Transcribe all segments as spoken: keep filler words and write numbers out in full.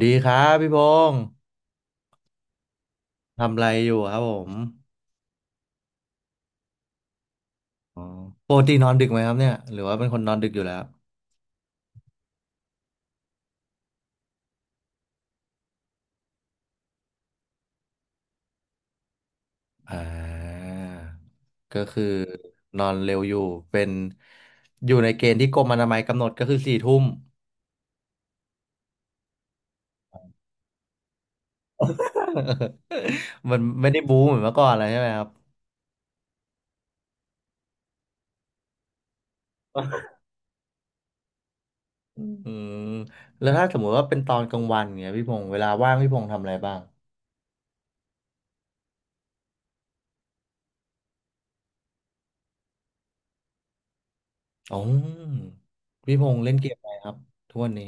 ดีครับพี่พงษ์ทำอะไรอยู่ครับผมอ๋อปกตินอนดึกไหมครับเนี่ยหรือว่าเป็นคนนอนดึกอยู่แล้วอ่าก็คือนอนเร็วอยู่เป็นอยู่ในเกณฑ์ที่กรมอนามัยกำหนดก็คือสี่ทุ่ม มันไม่ได้บู๊เหมือนเมื่อก่อนแล้วใช่ไหมครับอืมแล้วถ้าสมมติว่าเป็นตอนกลางวันเนี่ยพี่พงษ์เวลาว่างพี่พงษ์ทำอะไรบ้างอ๋อพี่พงษ์เล่นเกมอะไรครับทุกวันนี้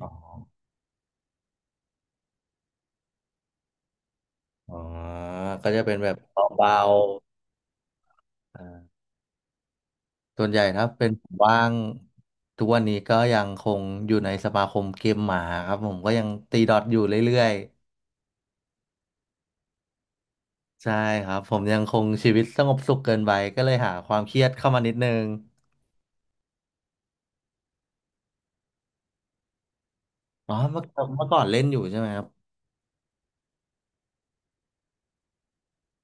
อ๋ออ๋อก็จะเป็นแบบเบาๆอ่า ส่วนใหญ่ถ้าเป็นผมว่างทุกวันนี้ก็ยังคงอยู่ในสมาคมเกมหมาครับผมก็ยังตีดอทอยู่เรื่อยๆใช่ครับผมยังคงชีวิตสงบสุขเกินไปก็เลยหาความเครียดเข้ามานิดนึงอ๋อเมื่อเมื่อก่อนเล่นอยู่ใช่ไหมครับ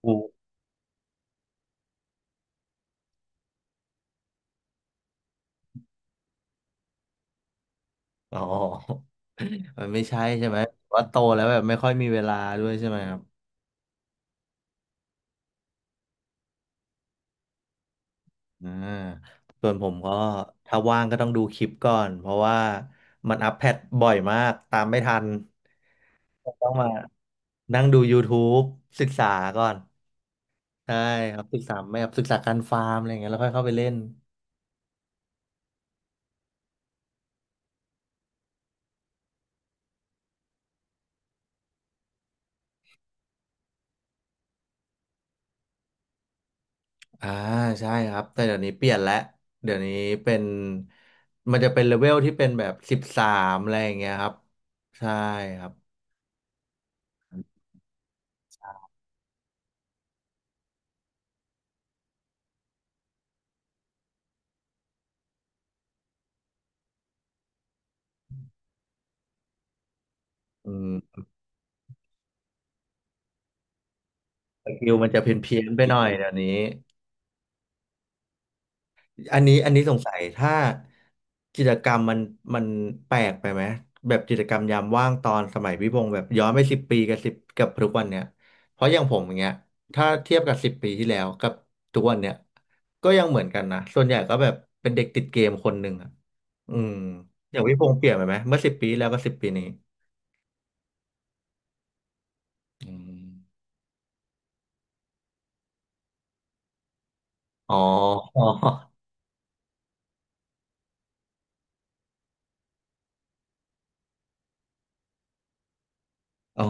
อูอ๋อ มันไม่ใช่ใช่ไหมว่าโตแล้วแบบไม่ค่อยมีเวลาด้วยใช่ไหมครับ อ่าส่วนผมก็ถ้าว่างก็ต้องดูคลิปก่อนเพราะว่ามันอัปเดตบ่อยมากตามไม่ทันต้องมานั่งดู YouTube ศึกษาก่อนใช่ครับศึกษาไม่ครับศึกษาการฟาร์มอะไรอย่างเงี้ยแล้วค่อยเข้าไปเล่นอ่าใช่ครับแต่เดี๋ยวนี้เปลี่ยนแล้วเดี๋ยวนี้เป็นมันจะเป็นเลเวลที่เป็นแบบสิบสามอะไรอย่างเงี้ยครับใช่ครับอืมสกิลมันจะเพี้ยนๆไปหน่อยเดี๋ยวนี้ อันนี้อันนี้สงสัยถ้ากิจกรรมมันมันแปลกไปไหมแบบกิจกรรมยามว่างตอนสมัยพี่พงศ์แบบย้อนไปสิบปีกับสิบกับทุกวันเนี้ยเพราะอย่างผมอย่างเงี้ยถ้าเทียบกับสิบปีที่แล้วกับทุกวันเนี้ยก็ยังเหมือนกันนะส่วนใหญ่ก็แบบเป็นเด็กติดเกมคนหนึ่งอ่ะอืมอย่างพี่พงศ์เปลี่ยนไปไหมเมื่อสิบปีแล้วกบสิบปีนี้อืมอ๋ออ๋ออ๋อ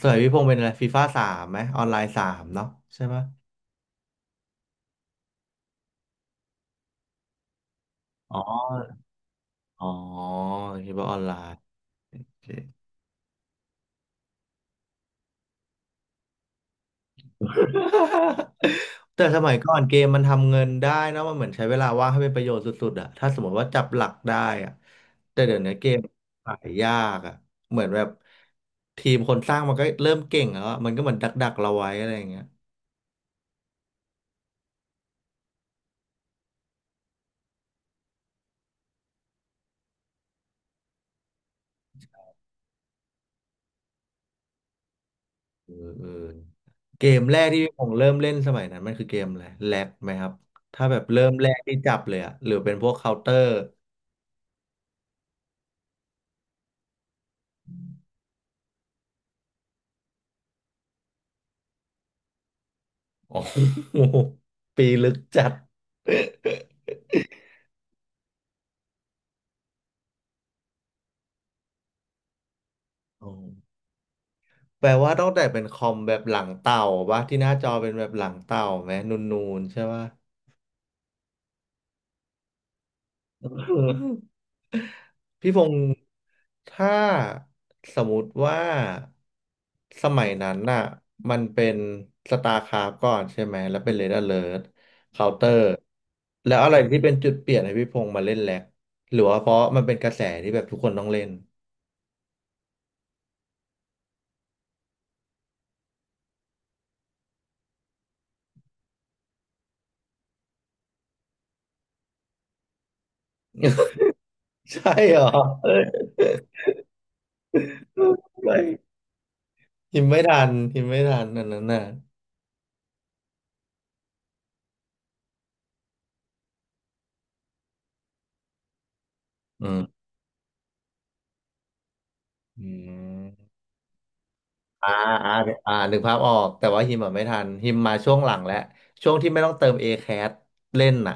สมัยพี่พงศ์เป็นอะไรฟีฟ่าสามไหมออนไลน์สามเนาะใช่ไหมอ๋อ อ๋อคิดว่าออนไลน์โอเค แต่สมัยก่อนเกมมันทำเงินได้นะมันเหมือนใช้เวลาว่างให้เป็นประโยชน์สุดๆอะถ้าสมมติว่าจับหลักได้อะแต่เดี๋ยวนี้เกมขายยากอะเหมือนแบบทีมคนสร้างมันก็เริ่มเก่งแล้วอะมันก็เหมือนดักๆเราไว้อะไรอย่างเงี้ยเออเออเกมแรกที่ผมเริ่มเล่นสมัยนั้นมันคือเกมอะไรแล็กไหมครับถ้าแบบเริ่มแรกที่จับเลยอะหรือเป็นพวกเคาน์เตอร์ออ ปีลึกจัด ออ แปลว่าต้องแต่เป็นคอมแบบหลังเต่าปะที่หน้าจอเป็นแบบหลังเต่าไหมนูนๆใช่ปะ พี่พงศ์ถ้าสมมติว่าสมัยนั้นน่ะมันเป็นสตาร์คราฟก่อนใช่ไหมแล้วเป็นเรด a เ e ิร์เคาน์เตอร์แล้วอะไรที่เป็นจุดเปลี่ยนให้พี่พงศ์มาเล่นแล็กหรือว่าเพราะมันเป็นกระแสที่แบบทุกคนต้องเล่น ใช่เหรอเอ้ยหิมไม่ทันหิมไม่ทันอันนั้นน่ะอืม อืมอ่าอ่าอ่านึกภาพออกแต่ว่าฮิมอ่ะไม่ทันฮิมมาช่วงหลังแล้วช่วงที่ไม่ต้องเติม a แค t เล่นน่ะ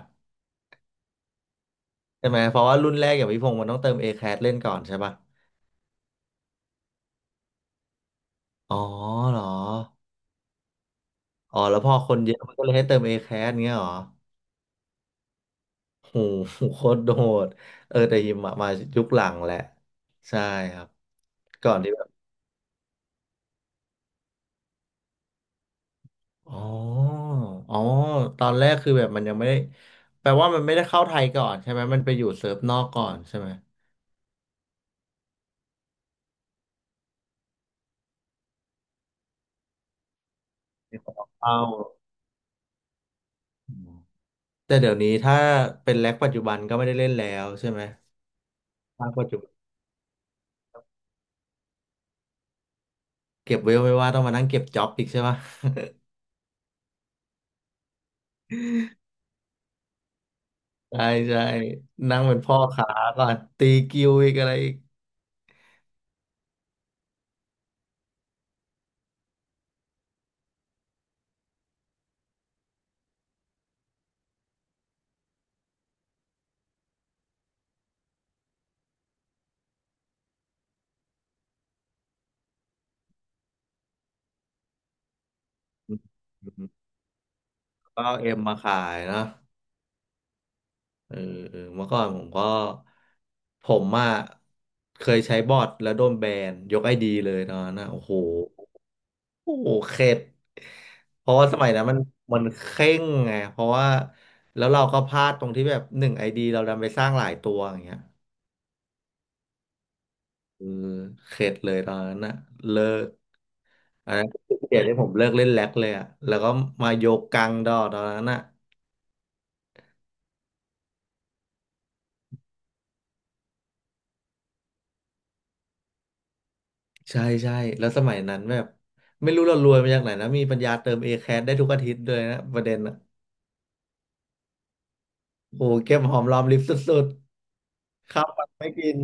ใช่ไหมเพราะว่ารุ่นแรกอย่างพี่พงศ์มันต้องเติม a แค t เล่นก่อนใช่ป่ะอ๋อเหรออ๋อแล้วพอคนเยอะมันก็เลยให้เติม A-ซี เอ ที เงี้ยเหรอโหโคตรโดดเออแต่ฮิมอะมายุคหลังแหละใช่ครับก่อนที่แบบอ๋ออ๋อตอนแรกคือแบบมันยังไม่ได้แปลว่ามันไม่ได้เข้าไทยก่อนใช่ไหมมันไปอยู่เซิร์ฟนอกก่อนใช่ไหม มีคนออกเข้าอืมแต่เดี๋ยวนี้ถ้าเป็นแร็กปัจจุบันก็ไม่ได้เล่นแล้วใช่ไหมภาคปัจจุบันเก็บเวลไม่ว่าต้องมานั่งเก็บจ็อบอีกใช่ปะใช่ใช่นั่งเป็นพ่อค้าก่อนตีกิวอีกอะไรอีกอืมก็เอาเอ็มมาขายเนอะเออเออเมื่อก่อนผมก็ผมอ่ะเคยใช้บอทแล้วโดนแบนยกไอดีเลยตอนนั้นนะโอ้โห โอ้โหเข็ดเพราะว่าสมัยนั้นมันมันเคร่งไงเพราะว่าแล้วเราก็พลาดตรงที่แบบหนึ่งไอดีเราดันไปสร้างหลายตัวอย่างเงี้ยเออเข็ดเลยตอนนั้นนะเลิกอันนั้นคือเดี๋ยวที่ผมเลิกเล่นแล็กเลยอะแล้วก็มาโยกกังดอตอนนั้นอะใช่ใช่แล้วสมัยนั้นแบบไม่รู้เรารวยมาจากไหนนะมีปัญญาเติมเอแคสได้ทุกอาทิตย์เลยนะประเด็นอะโอ้โหเก็บหอมรอมริบสุดๆข้าวปังไม่กิน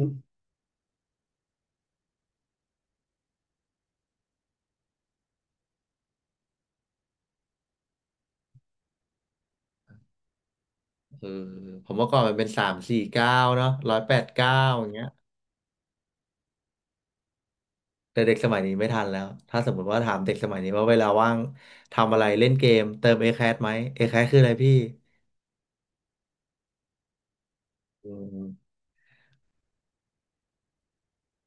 เออผมเมื่อก่อนมันเป็นสามสี่เก้าเนาะร้อยแปดเก้าอย่างเงี้ยแต่เด็กสมัยนี้ไม่ทันแล้วถ้าสมมติว่าถามเด็กสมัยนี้ว่าเวลาว่างทำอะไรเล่นเกมเติมเอแคสไหมเอแคสคืออะไรพี่อืม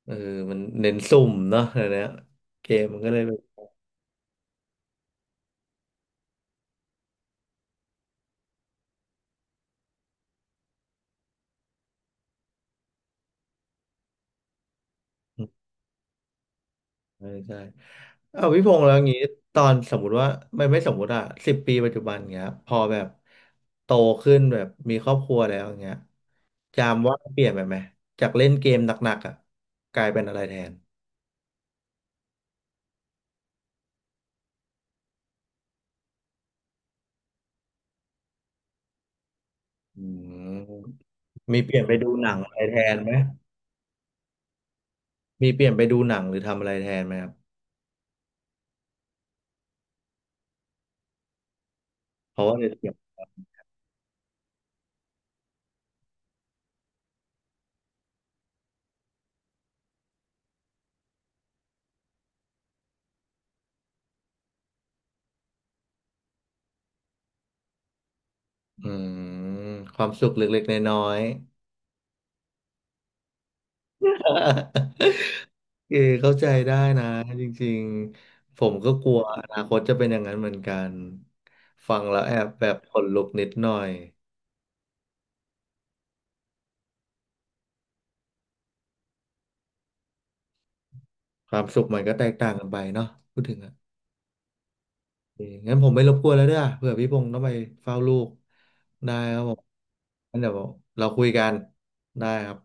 เออมันเน้นสุ่มเนาะเดี๋ยวนี้เกมมันก็เลยแบบใช่ใช่เอาพี่พงษ์แล้วอย่างงี้ตอนสมมุติว่าไม่ไม่สมมุติอะสิบปีปัจจุบันเงี้ยพอแบบโตขึ้นแบบมีครอบครัวแล้วอย่างเงี้ยจามว่างเปลี่ยนไปไหมจากเล่นเกมหนักๆอะกลายเป็นอะไรแทน อืมมีเปลี่ยนไปดูหนังอะไรแทนไหมมีเปลี่ยนไปดูหนังหรือทำอะไรแทนไหมครับเพราะว่าเดี๋ยวเสียบอืมความสุขเล็กๆน้อยๆ เออเข้าใจได้นะจริงๆผมก็กลัวอนาคตจะเป็นอย่างนั้นเหมือนกันฟังแล้วแอบแบบขนลุกนิดหน่อยความสุขมันก็แตกต่างกันไปเนาะพูดถึงอ่ะโอเคงั้นผมไม่รบกวนแล้วเด้อเผื่อพี่พงษ์ต้องไปเฝ้าลูกได้ครับผมงั้นเดี๋ยวเราคุยกันได้ครับ